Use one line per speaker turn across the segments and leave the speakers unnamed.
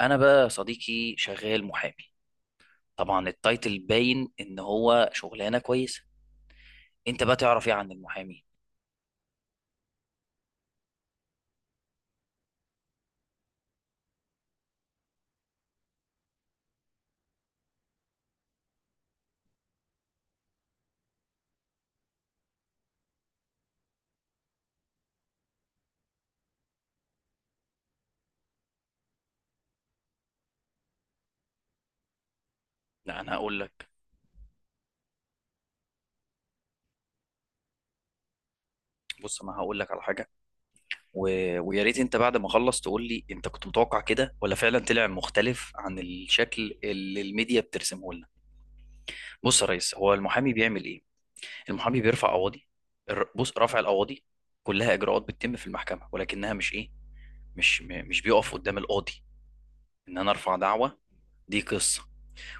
انا بقى يا صديقي شغال محامي. طبعا التايتل باين ان هو شغلانه كويسه. انت بقى تعرف ايه عن المحامي؟ لا، انا هقول لك. بص، انا هقول لك على حاجه. و... ويا ريت انت بعد ما اخلص تقول لي انت كنت متوقع كده، ولا فعلا طلع مختلف عن الشكل اللي الميديا بترسمه لنا. بص يا ريس، هو المحامي بيعمل ايه؟ المحامي بيرفع قواضي. بص، رفع القواضي كلها اجراءات بتتم في المحكمه، ولكنها مش ايه، مش بيقف قدام القاضي. ان انا ارفع دعوه، دي قصه.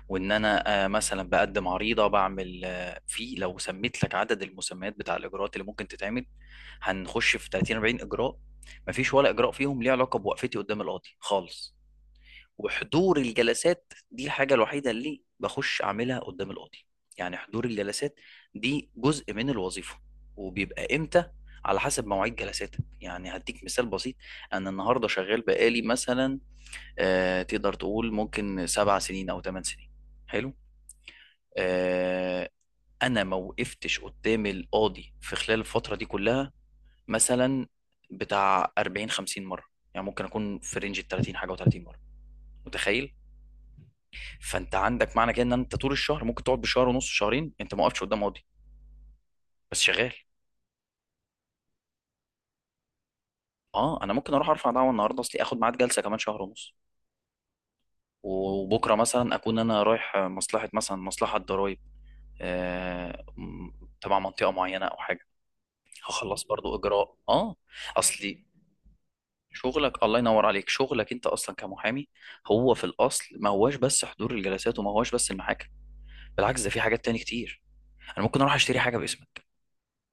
وان انا مثلا بقدم عريضه، بعمل في، لو سميت لك عدد المسميات بتاع الاجراءات اللي ممكن تتعمل هنخش في 30 40 اجراء. مفيش ولا اجراء فيهم ليه علاقه بوقفتي قدام القاضي خالص. وحضور الجلسات دي الحاجه الوحيده اللي بخش اعملها قدام القاضي. يعني حضور الجلسات دي جزء من الوظيفه. وبيبقى امتى؟ على حسب مواعيد جلساتك. يعني هديك مثال بسيط، انا النهارده شغال بقالي مثلا تقدر تقول ممكن سبع سنين او ثمان سنين. حلو. آه، انا ما وقفتش قدام القاضي في خلال الفتره دي كلها، مثلا بتاع 40 50 مره. يعني ممكن اكون في رينج ال 30 حاجه و30 مره. متخيل؟ فانت عندك معنى كده ان انت طول الشهر ممكن تقعد بشهر ونص، شهرين، انت ما وقفتش قدام قاضي، بس شغال. اه، انا ممكن اروح ارفع دعوه النهارده اصلي اخد ميعاد جلسه كمان شهر ونص. وبكره مثلا اكون انا رايح مصلحه، مثلا مصلحه ضرائب، آه، م- تبع منطقه معينه او حاجه. هخلص برضو اجراء. اه اصلي شغلك الله ينور عليك، شغلك انت اصلا كمحامي هو في الاصل ما هواش بس حضور الجلسات، وما هواش بس المحاكم. بالعكس، ده في حاجات تاني كتير. انا ممكن اروح اشتري حاجه باسمك،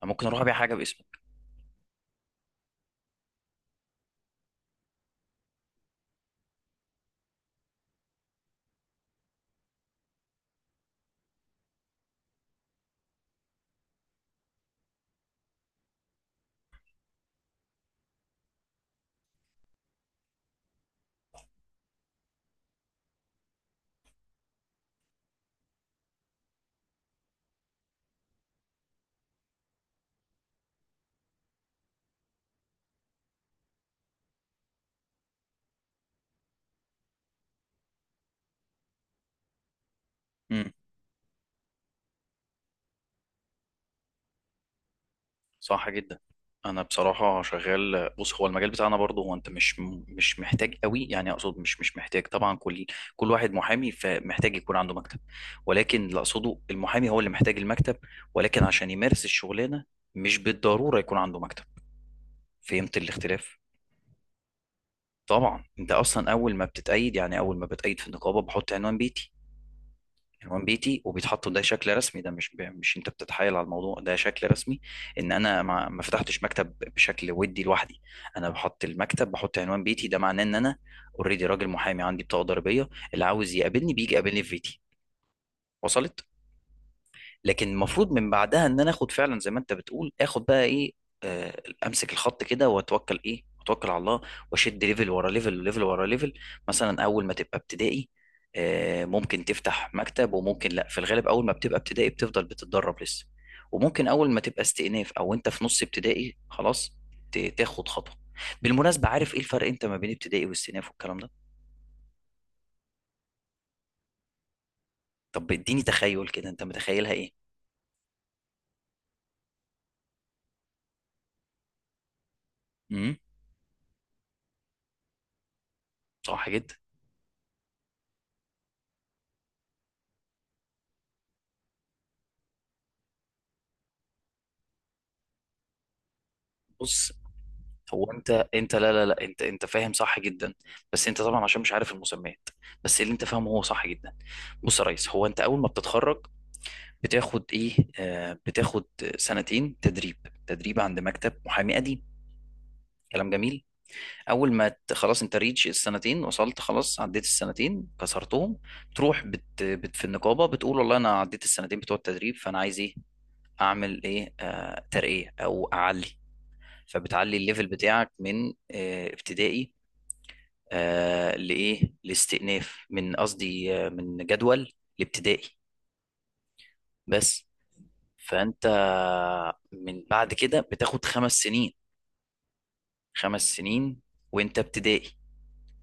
انا ممكن اروح ابيع حاجه باسمك. امم. صح جدا. انا بصراحه شغال. بص، هو المجال بتاعنا برضه، هو انت مش محتاج قوي، يعني اقصد مش مش محتاج، طبعا كل واحد محامي فمحتاج يكون عنده مكتب. ولكن اللي اقصده، المحامي هو اللي محتاج المكتب، ولكن عشان يمارس الشغلانه مش بالضروره يكون عنده مكتب. فهمت الاختلاف؟ طبعا انت اصلا اول ما بتتأيد، يعني اول ما بتأيد في النقابه، بحط عنوان بيتي. عنوان بيتي وبيتحط، ده شكل رسمي، ده مش مش انت بتتحايل على الموضوع، ده شكل رسمي. ان انا ما فتحتش مكتب بشكل، ودي لوحدي. انا بحط المكتب، بحط عنوان بيتي، ده معناه ان انا اوريدي راجل محامي، عندي بطاقه ضريبيه، اللي عاوز يقابلني بيجي يقابلني في بيتي. وصلت؟ لكن المفروض من بعدها ان انا اخد فعلا زي ما انت بتقول، اخد بقى ايه، امسك الخط كده واتوكل ايه، اتوكل على الله. واشد ليفل ورا ليفل وليفل ورا ليفل. مثلا اول ما تبقى ابتدائي، ممكن تفتح مكتب وممكن لا. في الغالب اول ما بتبقى ابتدائي بتفضل بتتدرب لسه. وممكن اول ما تبقى استئناف، او انت في نص ابتدائي خلاص، تاخد خطوة. بالمناسبة، عارف ايه الفرق انت ما بين ابتدائي واستئناف والكلام ده؟ طب اديني، تخيل كده، انت متخيلها ايه؟ امم. صح جدا. بص، هو انت لا، لا، لا، انت فاهم صح جدا. بس انت طبعا عشان مش عارف المسميات، بس اللي انت فاهمه هو صح جدا. بص يا ريس، هو انت اول ما بتتخرج بتاخد ايه، بتاخد سنتين تدريب. تدريب عند مكتب محامي قديم. كلام جميل. اول ما خلاص انت ريتش السنتين، وصلت خلاص، عديت السنتين كسرتهم، تروح بت بت في النقابه بتقول والله انا عديت السنتين بتوع التدريب، فانا عايز ايه، اعمل ايه، ترقيه او اعلي. فبتعلي الليفل بتاعك من ابتدائي لإيه، لاستئناف من قصدي، من جدول الابتدائي بس. فأنت من بعد كده بتاخد خمس سنين. خمس سنين وأنت ابتدائي.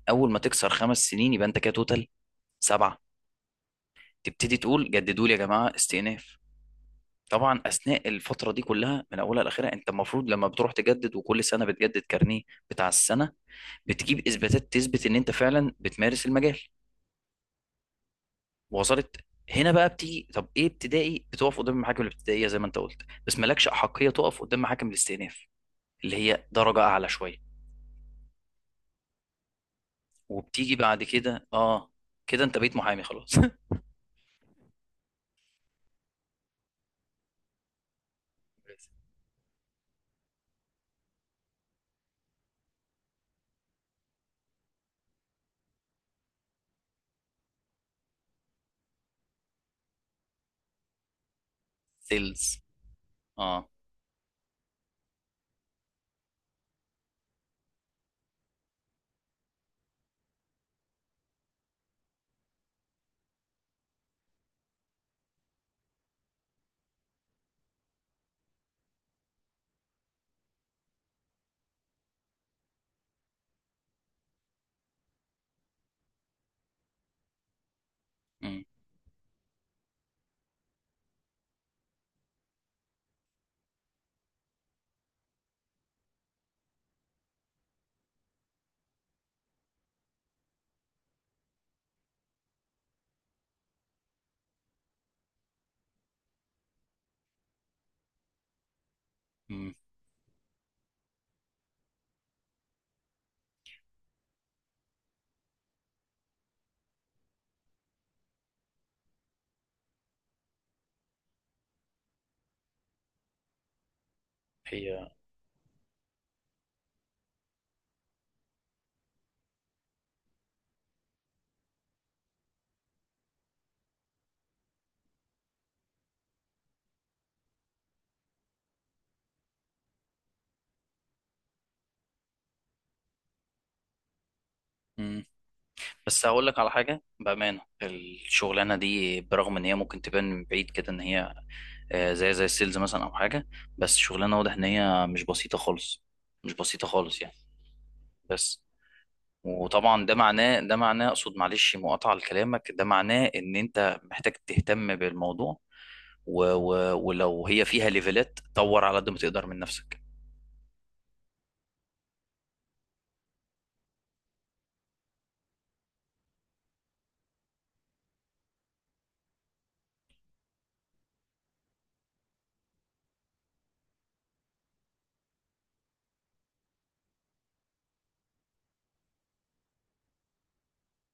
أول ما تكسر خمس سنين يبقى أنت كده توتال سبعة، تبتدي تقول جددوا لي يا جماعة استئناف. طبعا أثناء الفترة دي كلها من أولها لآخرها، أنت المفروض لما بتروح تجدد، وكل سنة بتجدد كارنيه بتاع السنة، بتجيب إثباتات تثبت إن أنت فعلا بتمارس المجال. وصلت؟ هنا بقى بتيجي، طب ايه ابتدائي؟ بتقف قدام المحاكم الابتدائيه زي ما انت قلت. بس مالكش احقيه تقف قدام محاكم الاستئناف، اللي هي درجه اعلى شويه. وبتيجي بعد كده. اه كده انت بقيت محامي خلاص. سيلز. اه. مم. مم. هي. مم. بس هقول لك على حاجه بامانه، الشغلانه دي برغم ان هي ممكن تبان من بعيد كده ان هي زي السيلز مثلا او حاجه، بس الشغلانه واضح ان هي مش بسيطه خالص. مش بسيطه خالص يعني. بس. وطبعا ده معناه اقصد معلش مقاطعه لكلامك، ده معناه ان انت محتاج تهتم بالموضوع. و و ولو هي فيها ليفلات، طور على قد ما تقدر من نفسك.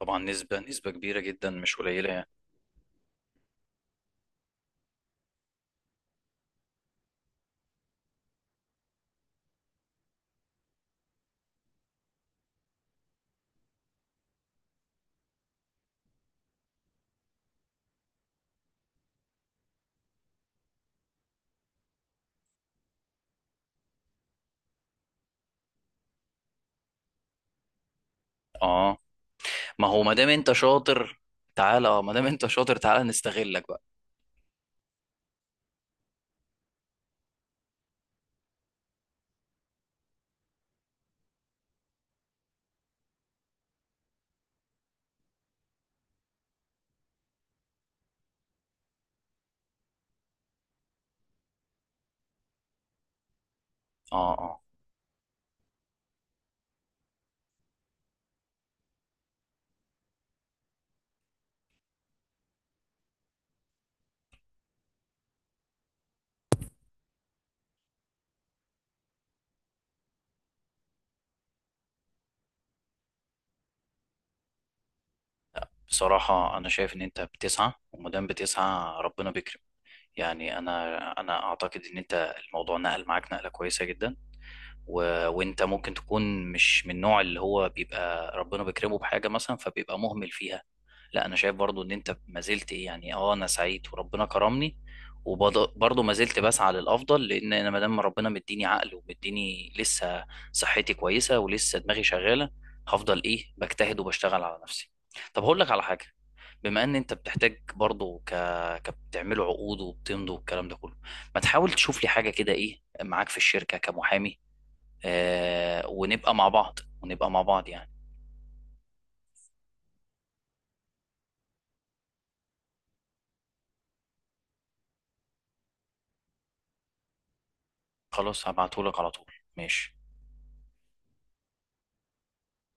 طبعا نسبه كبيره جدا مش قليله يعني. اه، ما هو ما دام انت شاطر، تعالى. اه ما دام انت شاطر تعالى نستغلك بقى. اه، اه. بصراحه انا شايف ان انت بتسعى، وما دام بتسعى ربنا بيكرم. يعني انا اعتقد ان انت الموضوع نقل معاك نقله كويسه جدا. و... وانت ممكن تكون مش من النوع اللي هو بيبقى ربنا بيكرمه بحاجه مثلا فبيبقى مهمل فيها. لا، انا شايف برضو ان انت ما زلت إيه، يعني اه، انا سعيد وربنا كرمني، وبرضه ما زلت بسعى للافضل. لان انا ما دام ربنا مديني عقل ومديني لسه صحتي كويسه ولسه دماغي شغاله، هفضل ايه، بجتهد وبشتغل على نفسي. طب هقول لك على حاجه، بما ان انت بتحتاج برضه كبتعملوا عقود وبتمضوا والكلام ده كله، ما تحاول تشوف لي حاجه كده ايه معاك في الشركه كمحامي. ونبقى مع بعض ونبقى مع بعض يعني. خلاص هبعتهولك على طول. ماشي.